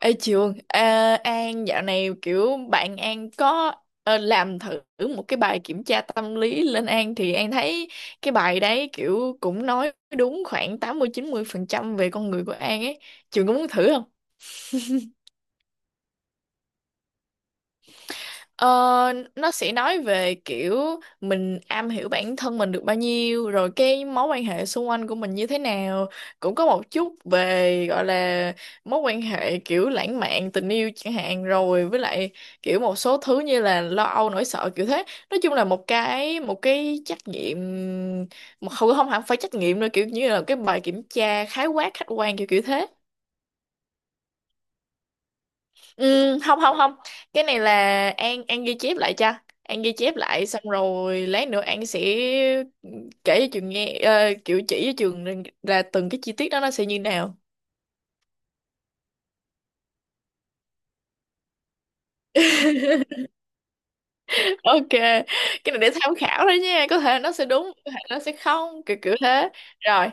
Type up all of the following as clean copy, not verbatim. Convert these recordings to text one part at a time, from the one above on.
Ê Trường, à, An dạo này kiểu bạn An có làm thử một cái bài kiểm tra tâm lý lên An thì An thấy cái bài đấy kiểu cũng nói đúng khoảng 89% về con người của An ấy. Trường có muốn thử không? Ờ, nó sẽ nói về kiểu mình am hiểu bản thân mình được bao nhiêu, rồi cái mối quan hệ xung quanh của mình như thế nào, cũng có một chút về gọi là mối quan hệ kiểu lãng mạn, tình yêu chẳng hạn, rồi với lại kiểu một số thứ như là lo âu, nỗi sợ, kiểu thế. Nói chung là một cái trắc nghiệm, mà không không hẳn phải trắc nghiệm đâu, kiểu như là cái bài kiểm tra khái quát khách quan kiểu kiểu thế. Ừ, không không không cái này là An ghi chép lại cho. An ghi chép lại xong rồi lát nữa An sẽ kể cho trường nghe, kiểu chỉ cho trường rằng là từng cái chi tiết đó nó sẽ như nào. Ok, cái này để tham khảo thôi nha, có thể nó sẽ đúng, có thể nó sẽ không, kiểu kiểu thế. Rồi,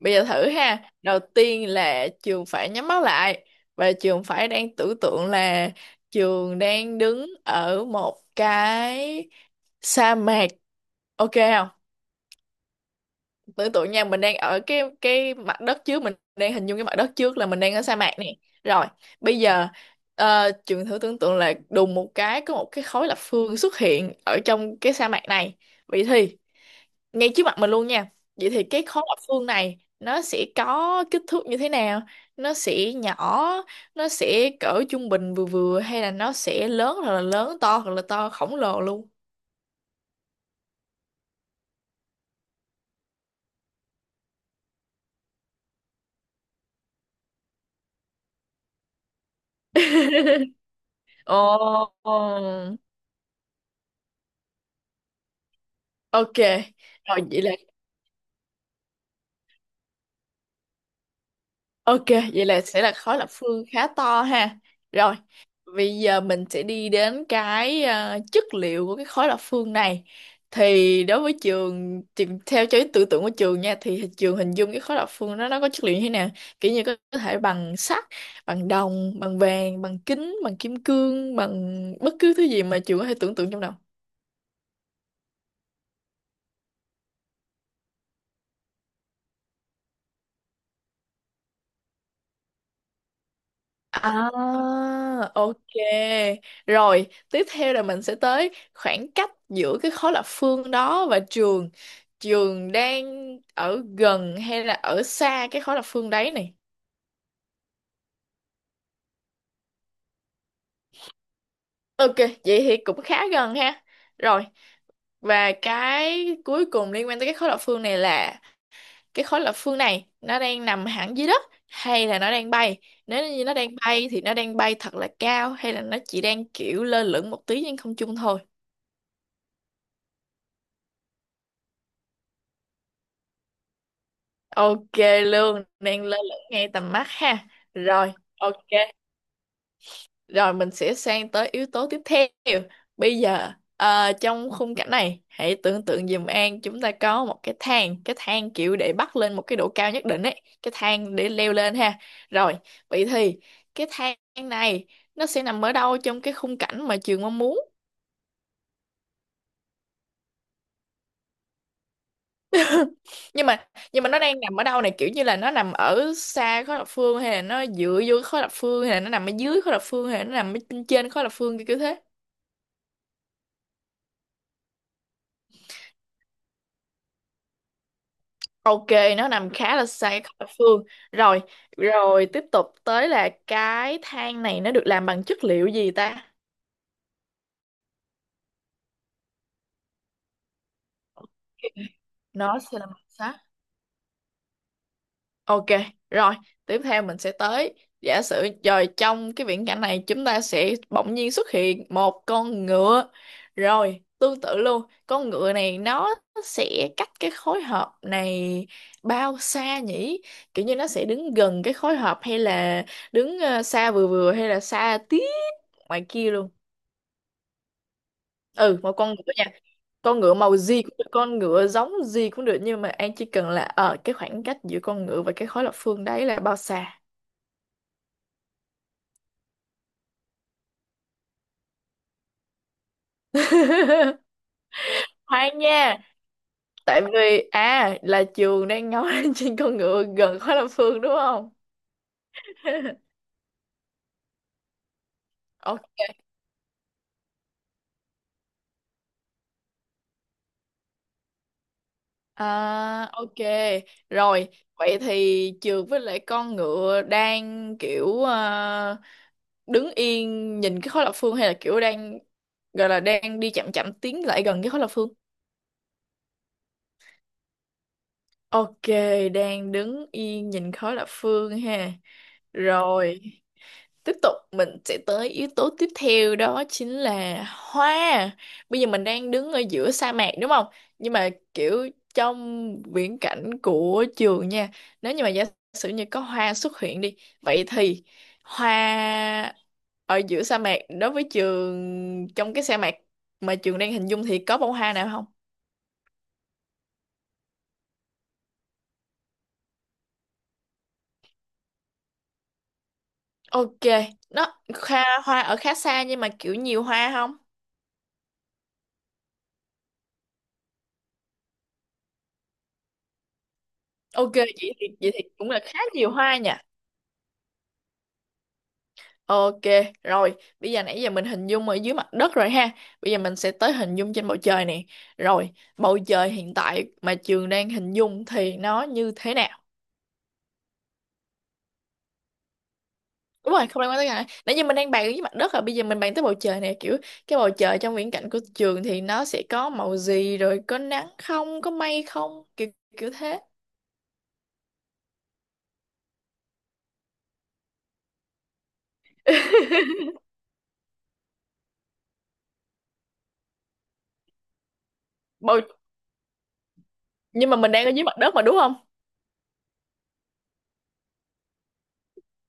bây giờ thử ha. Đầu tiên là trường phải nhắm mắt lại, và trường phải đang tưởng tượng là trường đang đứng ở một cái sa mạc, ok không? Tưởng tượng nha, mình đang ở cái mặt đất trước, mình đang hình dung cái mặt đất trước là mình đang ở sa mạc nè. Rồi, bây giờ trường thử tưởng tượng là đùng một cái có một cái khối lập phương xuất hiện ở trong cái sa mạc này. Vậy thì ngay trước mặt mình luôn nha. Vậy thì cái khối lập phương này nó sẽ có kích thước như thế nào? Nó sẽ nhỏ, nó sẽ cỡ trung bình vừa vừa, hay là nó sẽ lớn, hoặc là lớn to, hoặc là to khổng lồ luôn? Ồ, ok. Rồi vậy là... Ok, vậy là sẽ là khối lập phương khá to ha. Rồi, bây giờ mình sẽ đi đến cái chất liệu của cái khối lập phương này. Thì đối với trường, tìm theo cho tưởng tượng của trường nha, thì trường hình dung cái khối lập phương đó nó có chất liệu như thế nào? Kiểu như có thể bằng sắt, bằng đồng, bằng vàng, bằng kính, bằng kim cương, bằng bất cứ thứ gì mà trường có thể tưởng tượng trong đầu. À, ok. Rồi, tiếp theo là mình sẽ tới khoảng cách giữa cái khối lập phương đó và trường. Trường đang ở gần hay là ở xa cái khối lập phương đấy này? Ok, vậy thì cũng khá gần ha. Rồi, và cái cuối cùng liên quan tới cái khối lập phương này là cái khối lập phương này nó đang nằm hẳn dưới đất hay là nó đang bay? Nếu như nó đang bay thì nó đang bay thật là cao, hay là nó chỉ đang kiểu lơ lửng một tí trên không trung thôi? Ok luôn, đang lơ lửng ngay tầm mắt ha. Rồi, ok. Rồi mình sẽ sang tới yếu tố tiếp theo. Bây giờ trong khung cảnh này, hãy tưởng tượng giùm An chúng ta có một cái thang kiểu để bắt lên một cái độ cao nhất định ấy, cái thang để leo lên ha. Rồi, vậy thì cái thang này nó sẽ nằm ở đâu trong cái khung cảnh mà trường mong muốn? nhưng mà nhưng mà nó đang nằm ở đâu này? Kiểu như là nó nằm ở xa khối lập phương, hay là nó dựa vô khối lập phương, hay là nó nằm ở dưới khối lập phương, hay là nó nằm ở trên trên khối lập phương, kiểu kiểu thế. Ok, nó nằm khá là xa cái khối lập phương. Rồi rồi tiếp tục tới là cái thang này nó được làm bằng chất liệu gì ta? Nó sẽ là bằng sắt. Ok, rồi, tiếp theo mình sẽ tới... Giả sử rồi trong cái viễn cảnh này chúng ta sẽ bỗng nhiên xuất hiện một con ngựa. Rồi, tương tự luôn, con ngựa này nó sẽ cách cái khối hợp này bao xa nhỉ? Kiểu như nó sẽ đứng gần cái khối hợp hay là đứng xa vừa vừa, hay là xa tí ngoài kia luôn? Ừ, một con ngựa nha. Con ngựa màu gì cũng được, con ngựa giống gì cũng được, nhưng mà An chỉ cần là ở cái khoảng cách giữa con ngựa và cái khối lập phương đấy là bao xa. Khoan nha, tại vì à là trường đang nói trên con ngựa gần khói Lâm Phương đúng không? Ok, à, ok. Rồi, vậy thì trường với lại con ngựa đang kiểu đứng yên nhìn cái khói lập phương, hay là kiểu đang gọi là đang đi chậm chậm tiến lại gần cái khói lập phương? Ok, đang đứng yên nhìn khói lập phương ha. Rồi. Tiếp tục mình sẽ tới yếu tố tiếp theo, đó chính là hoa. Bây giờ mình đang đứng ở giữa sa mạc đúng không? Nhưng mà kiểu trong viễn cảnh của trường nha, nếu như mà giả sử như có hoa xuất hiện đi, vậy thì hoa ở giữa sa mạc, đối với trường, trong cái sa mạc mà trường đang hình dung thì có bông hoa nào không? Ok, nó... hoa hoa ở khá xa nhưng mà kiểu nhiều hoa không? Ok, vậy thì cũng là khá nhiều hoa nhỉ. Ok, rồi, bây giờ nãy giờ mình hình dung ở dưới mặt đất rồi ha. Bây giờ mình sẽ tới hình dung trên bầu trời nè. Rồi, bầu trời hiện tại mà Trường đang hình dung thì nó như thế nào? Đúng rồi, không liên quan tới cái... Nãy giờ mình đang bàn ở dưới mặt đất rồi, bây giờ mình bàn tới bầu trời nè. Kiểu cái bầu trời trong viễn cảnh của Trường thì nó sẽ có màu gì rồi, có nắng không, có mây không, kiểu kiểu thế. Bầu... Nhưng mà mình đang ở dưới mặt đất mà đúng không?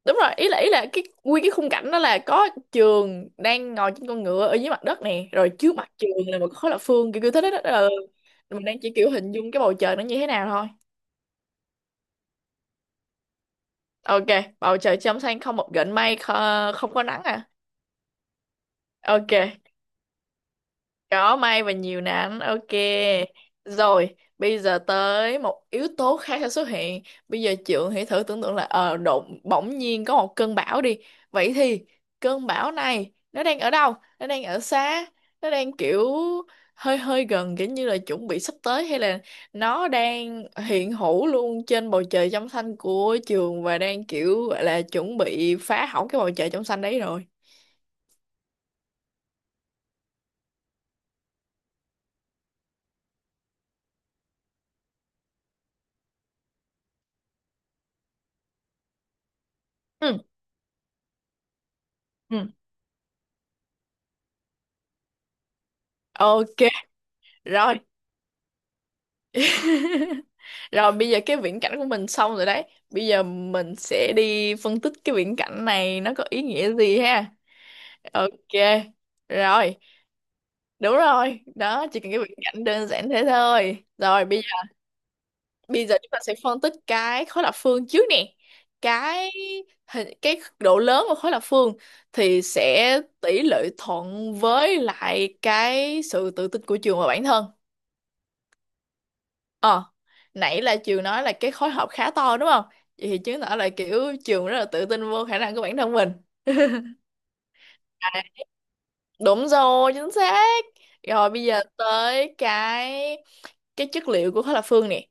Đúng rồi, ý là cái nguyên cái khung cảnh đó là có trường đang ngồi trên con ngựa ở dưới mặt đất nè, rồi trước mặt trường là một cái khối lập phương kiểu kiểu thế đó. Đó là mình đang chỉ kiểu hình dung cái bầu trời nó như thế nào thôi. Ok, bầu trời trong xanh không một gợn mây, không có nắng à? Ok. Có may và nhiều nắng, ok. Rồi, bây giờ tới một yếu tố khác sẽ xuất hiện. Bây giờ Trượng hãy thử tưởng tượng là đột bỗng nhiên có một cơn bão đi. Vậy thì cơn bão này nó đang ở đâu? Nó đang ở xa, nó đang kiểu hơi hơi gần kiểu như là chuẩn bị sắp tới, hay là nó đang hiện hữu luôn trên bầu trời trong xanh của trường và đang kiểu gọi là chuẩn bị phá hỏng cái bầu trời trong xanh đấy rồi? Ừ, ừ. Ok, rồi. Rồi bây giờ cái viễn cảnh của mình xong rồi đấy. Bây giờ mình sẽ đi phân tích cái viễn cảnh này nó có ý nghĩa gì ha. Ok. Rồi. Đúng rồi. Đó, chỉ cần cái viễn cảnh đơn giản thế thôi. Rồi bây giờ chúng ta sẽ phân tích cái khối lập phương trước nè. Cái cái độ lớn của khối lập phương thì sẽ tỷ lệ thuận với lại cái sự tự tin của trường và bản thân. Ờ, nãy là Trường nói là cái khối học khá to đúng không? Vậy thì chứng tỏ là kiểu Trường rất là tự tin vô khả năng của bản thân mình. À, đúng rồi, chính xác. Rồi bây giờ tới cái chất liệu của khối lập phương nè.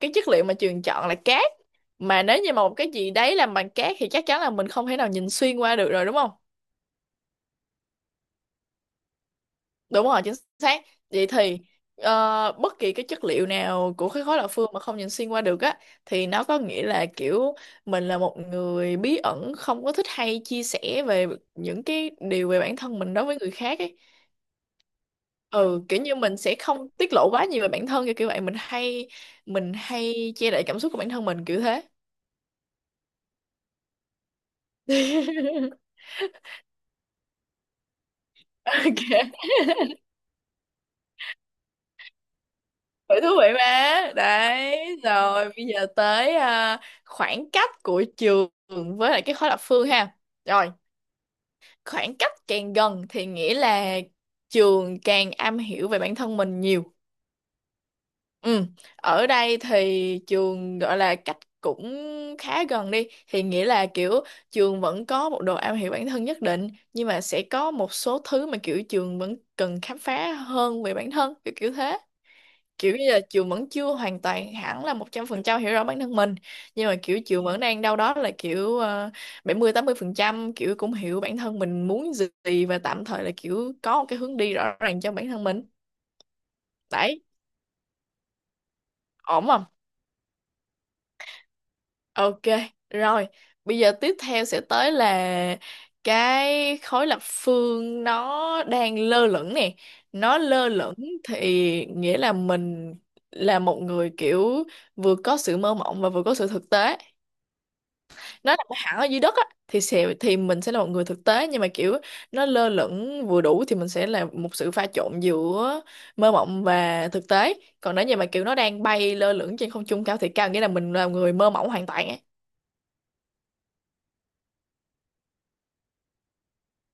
Cái chất liệu mà Trường chọn là cát. Mà nếu như mà một cái gì đấy làm bằng cát thì chắc chắn là mình không thể nào nhìn xuyên qua được rồi đúng không? Đúng rồi, chính xác. Vậy thì bất kỳ cái chất liệu nào của cái khối lập phương mà không nhìn xuyên qua được á thì nó có nghĩa là kiểu mình là một người bí ẩn, không có thích hay chia sẻ về những cái điều về bản thân mình đối với người khác ấy. Ừ, kiểu như mình sẽ không tiết lộ quá nhiều về bản thân kiểu kiểu vậy. Mình hay che đậy cảm xúc của bản thân mình kiểu thế. Ok. Vậy thú vị mà. Đấy, rồi bây giờ tới khoảng cách của trường với lại cái khối lập phương ha. Rồi, khoảng cách càng gần thì nghĩa là trường càng am hiểu về bản thân mình nhiều. Ừ, ở đây thì trường gọi là cách cũng khá gần đi thì nghĩa là kiểu trường vẫn có một độ am hiểu bản thân nhất định, nhưng mà sẽ có một số thứ mà kiểu trường vẫn cần khám phá hơn về bản thân kiểu kiểu thế, kiểu như là Trường vẫn chưa hoàn toàn hẳn là 100% hiểu rõ bản thân mình, nhưng mà kiểu Trường vẫn đang đâu đó là kiểu 70 80% kiểu cũng hiểu bản thân mình muốn gì, và tạm thời là kiểu có một cái hướng đi rõ ràng cho bản thân mình, đấy, ổn không? Ok, rồi. Bây giờ tiếp theo sẽ tới là cái khối lập phương nó đang lơ lửng nè. Nó lơ lửng thì nghĩa là mình là một người kiểu vừa có sự mơ mộng và vừa có sự thực tế. Nó nằm hẳn ở dưới đất á thì sẽ mình sẽ là một người thực tế, nhưng mà kiểu nó lơ lửng vừa đủ thì mình sẽ là một sự pha trộn giữa mơ mộng và thực tế. Còn nếu như mà kiểu nó đang bay lơ lửng trên không trung cao thì cao nghĩa là mình là người mơ mộng hoàn toàn á.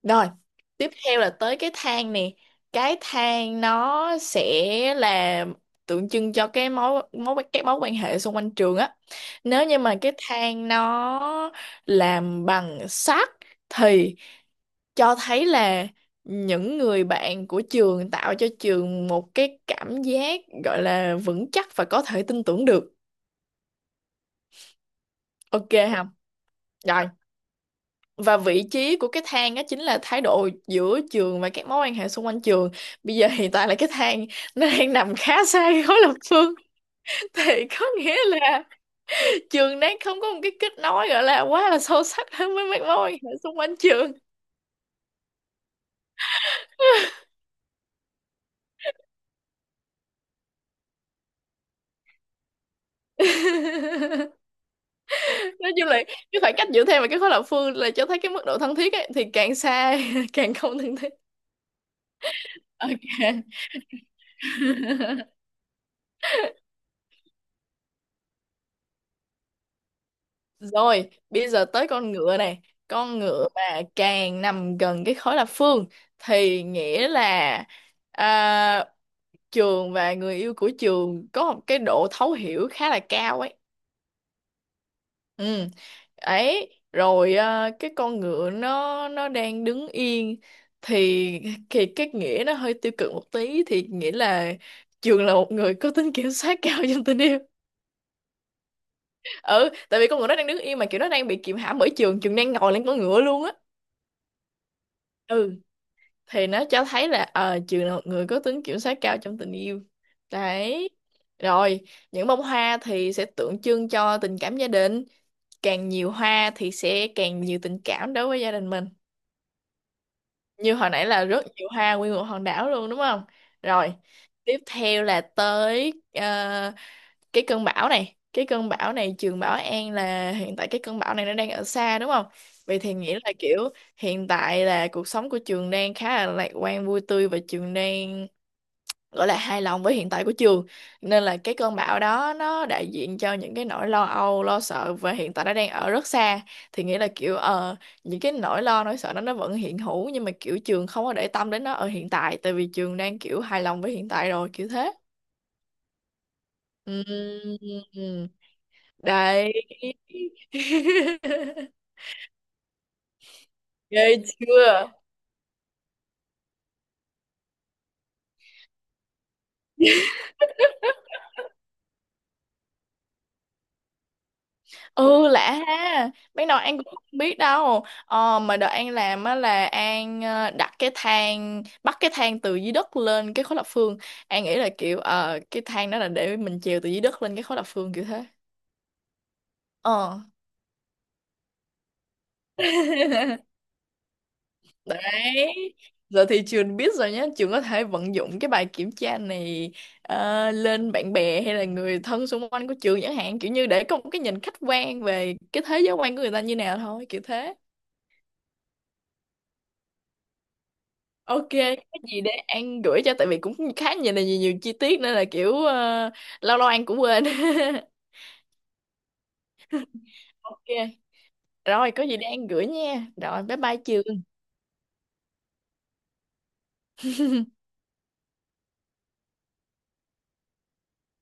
Rồi, tiếp theo là tới cái thang nè. Cái thang nó sẽ là tượng trưng cho cái mối mối các mối quan hệ xung quanh trường á. Nếu như mà cái thang nó làm bằng sắt thì cho thấy là những người bạn của trường tạo cho trường một cái cảm giác gọi là vững chắc và có thể tin tưởng được. Ok không? Rồi. Và vị trí của cái thang đó chính là thái độ giữa trường và các mối quan hệ xung quanh trường. Bây giờ hiện tại là cái thang nó đang nằm khá xa cái khối lập phương thì có nghĩa là trường đang không có một cái kết nối gọi là quá là sâu sắc với mấy mối quan hệ xung quanh trường. Nói chung là cái khoảng cách giữa thang và cái khối lập phương là cho thấy cái mức độ thân thiết ấy, thì càng xa càng không thân thiết. Ok. Rồi, bây giờ tới con ngựa này. Con ngựa mà càng nằm gần cái khối lập phương thì nghĩa là, à, trường và người yêu của trường có một cái độ thấu hiểu khá là cao ấy. Ừ. Ấy, rồi à, cái con ngựa nó đang đứng yên thì cái nghĩa nó hơi tiêu cực một tí, thì nghĩa là trường là một người có tính kiểm soát cao trong tình yêu. Ừ, tại vì con ngựa nó đang đứng yên mà kiểu nó đang bị kiềm hãm bởi trường, trường đang ngồi lên con ngựa luôn á. Ừ, thì nó cho thấy là ờ trường là một người có tính kiểm soát cao trong tình yêu, đấy, rồi những bông hoa thì sẽ tượng trưng cho tình cảm gia đình, càng nhiều hoa thì sẽ càng nhiều tình cảm đối với gia đình mình, như hồi nãy là rất nhiều hoa nguyên một hòn đảo luôn đúng không, rồi tiếp theo là tới cái cơn bão này. Cái cơn bão này trường Bảo An là hiện tại cái cơn bão này nó đang ở xa đúng không? Vậy thì nghĩa là kiểu hiện tại là cuộc sống của trường đang khá là lạc quan vui tươi, và trường đang gọi là hài lòng với hiện tại của trường, nên là cái cơn bão đó nó đại diện cho những cái nỗi lo âu lo sợ, và hiện tại nó đang ở rất xa. Thì nghĩa là kiểu những cái nỗi lo nỗi sợ đó nó vẫn hiện hữu, nhưng mà kiểu trường không có để tâm đến nó ở hiện tại, tại vì trường đang kiểu hài lòng với hiện tại rồi kiểu thế. Ừm, đấy. Ghê chưa. Ừ, lạ ha, mấy nồi An cũng không biết đâu. Ờ, mà đợt An làm á là An đặt cái thang cái thang từ dưới đất lên cái khối lập phương, An nghĩ là kiểu cái thang đó là để mình trèo từ dưới đất lên cái khối lập phương kiểu thế. ờ Đấy. Giờ thì trường biết rồi nhé, trường có thể vận dụng cái bài kiểm tra này lên bạn bè hay là người thân xung quanh của trường chẳng hạn, kiểu như để có một cái nhìn khách quan về cái thế giới quan của người ta như nào thôi, kiểu thế. Ok, cái gì để An gửi cho, tại vì cũng khá nhiều là nhiều, nhiều chi tiết nên là kiểu lâu lâu An cũng quên. Ok, rồi có gì để An gửi nha. Rồi bye bye trường.